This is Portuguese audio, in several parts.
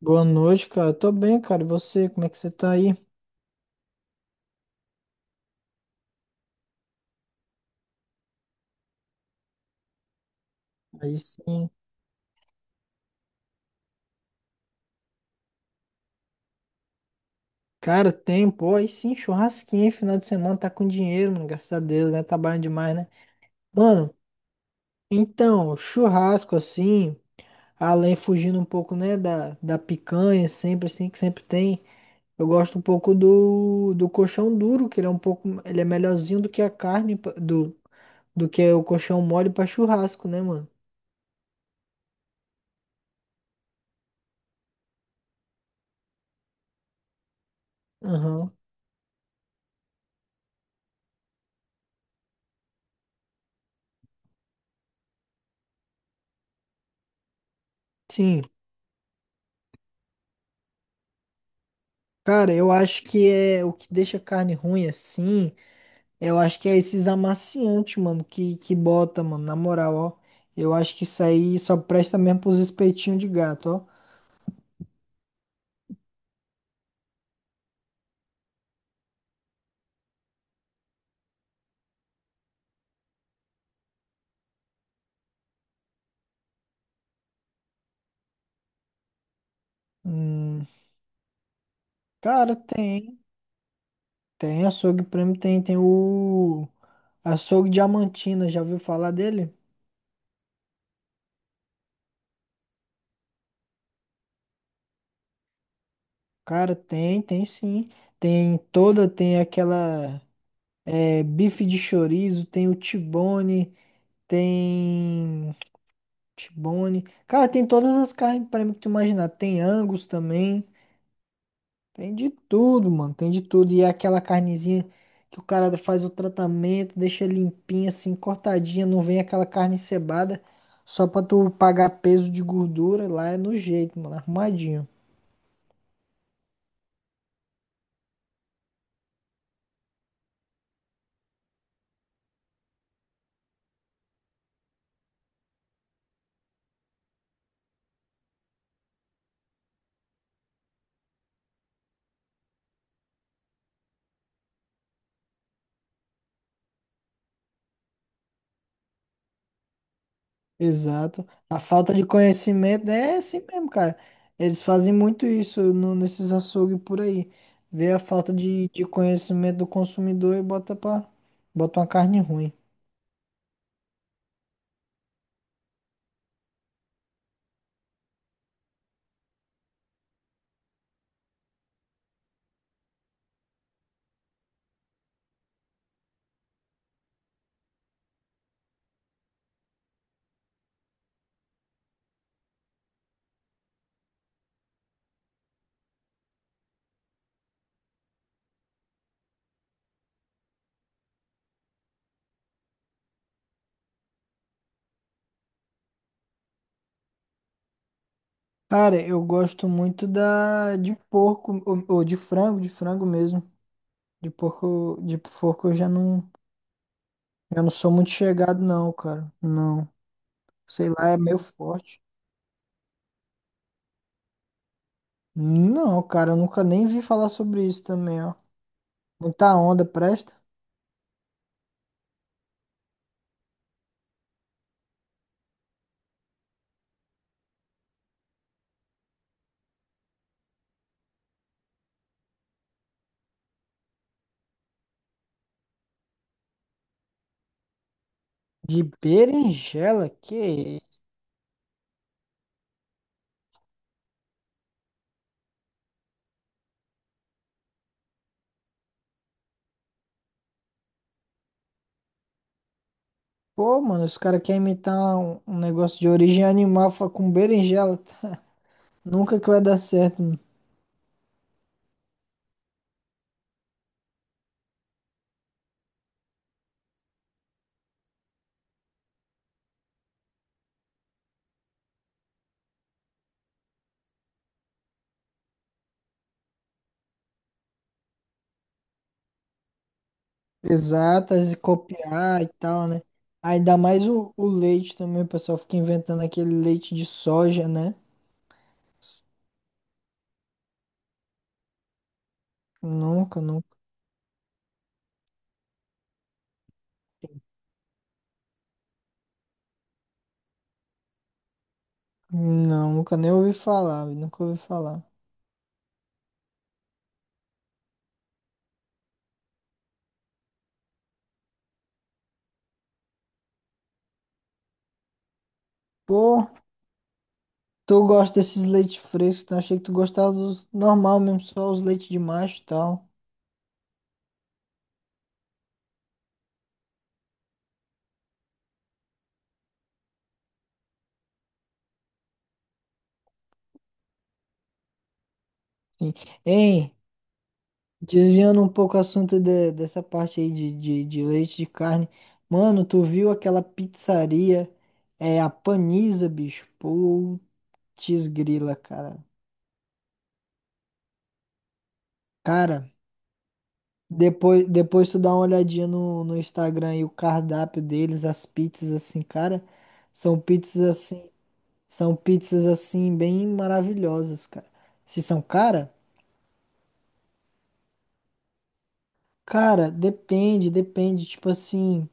Boa noite, cara. Tô bem, cara. E você, como é que você tá aí? Aí sim. Cara, tem, pô, aí sim, churrasquinho, hein? Final de semana, tá com dinheiro, mano, graças a Deus, né? Trabalhando demais, né? Mano, então, churrasco, assim, além fugindo um pouco, né, da picanha, sempre assim, que sempre tem, eu gosto um pouco do colchão duro, que ele é um pouco, ele é melhorzinho do que a carne, do, do que o colchão mole pra churrasco, né, mano? Aham. Sim. Cara, eu acho que é o que deixa a carne ruim assim, eu acho que é esses amaciantes, mano, que bota, mano, na moral, ó. Eu acho que isso aí só presta mesmo pros espetinhos de gato, ó. Hum, Cara, tem açougue prêmio, tem, tem o açougue Diamantina, já ouviu falar dele? Cara, tem sim. Tem aquela bife de chorizo, tem T-bone. Cara, tem todas as carnes para mim que tu imaginar. Tem Angus também. Tem de tudo, mano. Tem de tudo. E é aquela carnezinha que o cara faz o tratamento, deixa limpinha, assim, cortadinha. Não vem aquela carne encebada só pra tu pagar peso de gordura. Lá é no jeito, mano. Arrumadinho. Exato. A falta de conhecimento é assim mesmo, cara. Eles fazem muito isso nesses açougues por aí. Vê a falta de conhecimento do consumidor e bota uma carne ruim. Cara, eu gosto muito da de porco ou de frango mesmo. De porco, eu já não, eu não sou muito chegado não, cara. Não. Sei lá, é meio forte. Não, cara, eu nunca nem vi falar sobre isso também, ó. Muita onda, presta. De berinjela, que isso? Pô, mano, os caras querem imitar um negócio de origem animal com berinjela. Nunca que vai dar certo, exatas e copiar e tal, né? Ainda mais o leite também, o pessoal fica inventando aquele leite de soja, né? Nunca, nunca. Não, nunca nem ouvi falar, nunca ouvi falar. Pô, tu gosta desses leites frescos, então achei que tu gostava dos normal mesmo, só os leites de macho e tal. Sim. Hein, desviando um pouco o assunto dessa parte aí de leite de carne. Mano, tu viu aquela pizzaria, a Paniza, bicho? Pô, Desgrila, cara. Cara, depois tu dá uma olhadinha no Instagram e o cardápio deles, as pizzas assim, cara, são pizzas assim, são pizzas assim bem maravilhosas, cara. Se são cara? Cara, depende, tipo assim,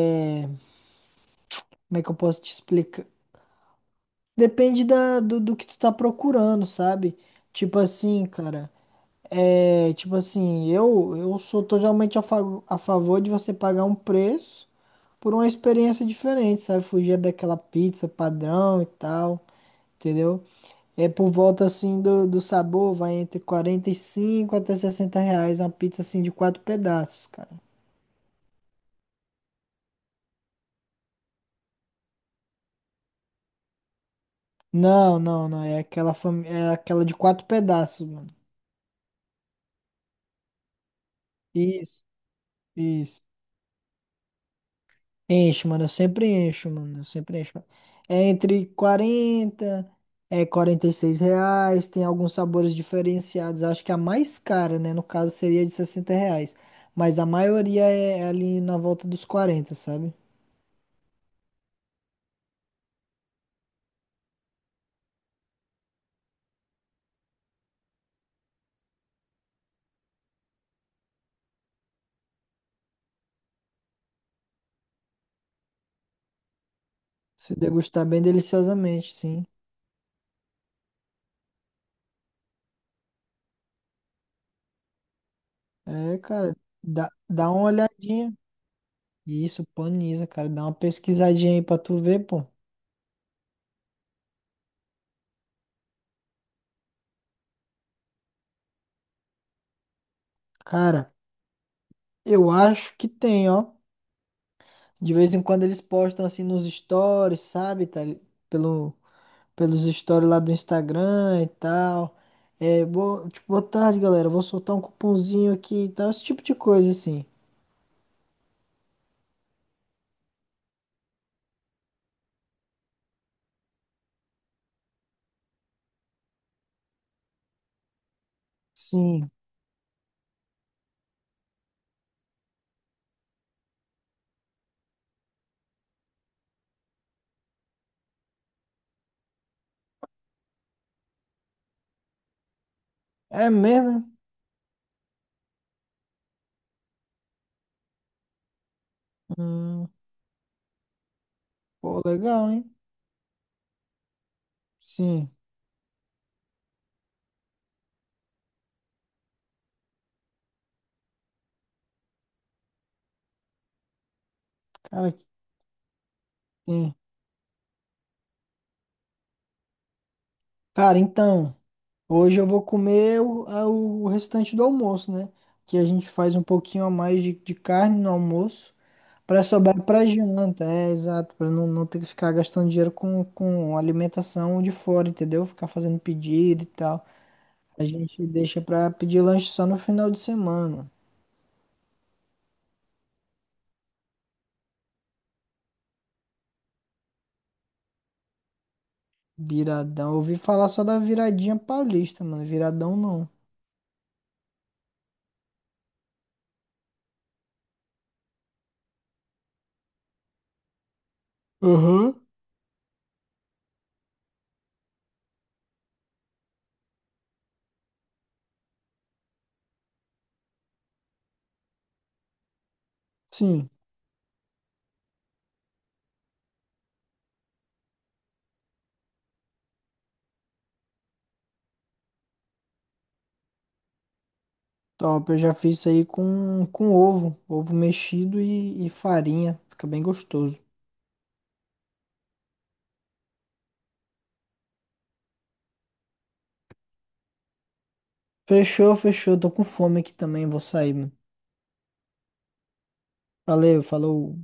é, como é que eu posso te explicar? Depende do que tu tá procurando, sabe? Tipo assim, cara, tipo assim, eu sou totalmente a favor de você pagar um preço por uma experiência diferente, sabe? Fugir daquela pizza padrão e tal, entendeu? É por volta assim do sabor, vai entre 45 até R$ 60 uma pizza assim de quatro pedaços, cara. Não, não, não, é aquela de quatro pedaços, mano. Isso, isso. Enche, mano, eu sempre encho, mano, eu sempre encho. É entre 40 é R$ 46, tem alguns sabores diferenciados. Acho que a mais cara, né, no caso seria de R$ 60, mas a maioria é ali na volta dos 40, sabe? Se degustar bem deliciosamente, sim. É, cara, dá uma olhadinha. Isso, Paniza, cara, dá uma pesquisadinha aí pra tu ver, pô. Cara, eu acho que tem, ó. De vez em quando eles postam assim nos stories, sabe? Tá, pelo, pelos stories lá do Instagram e tal. É, tipo, boa tarde, galera. Vou soltar um cupomzinho aqui e tal. Esse tipo de coisa, assim. Sim. É mesmo? Né? Hum, Pô, legal, hein? Sim. Cara, sim. Cara, então, hoje eu vou comer o restante do almoço, né? Que a gente faz um pouquinho a mais de carne no almoço. Pra sobrar pra janta, é exato, pra não ter que ficar gastando dinheiro com alimentação de fora, entendeu? Ficar fazendo pedido e tal. A gente deixa pra pedir lanche só no final de semana, mano. Viradão. Eu ouvi falar só da viradinha paulista, mano. Viradão não. Uhum. Sim, top. Eu já fiz isso aí com ovo, ovo mexido e farinha. Fica bem gostoso. Fechou, fechou. Tô com fome aqui também, vou sair, mano. Valeu, falou.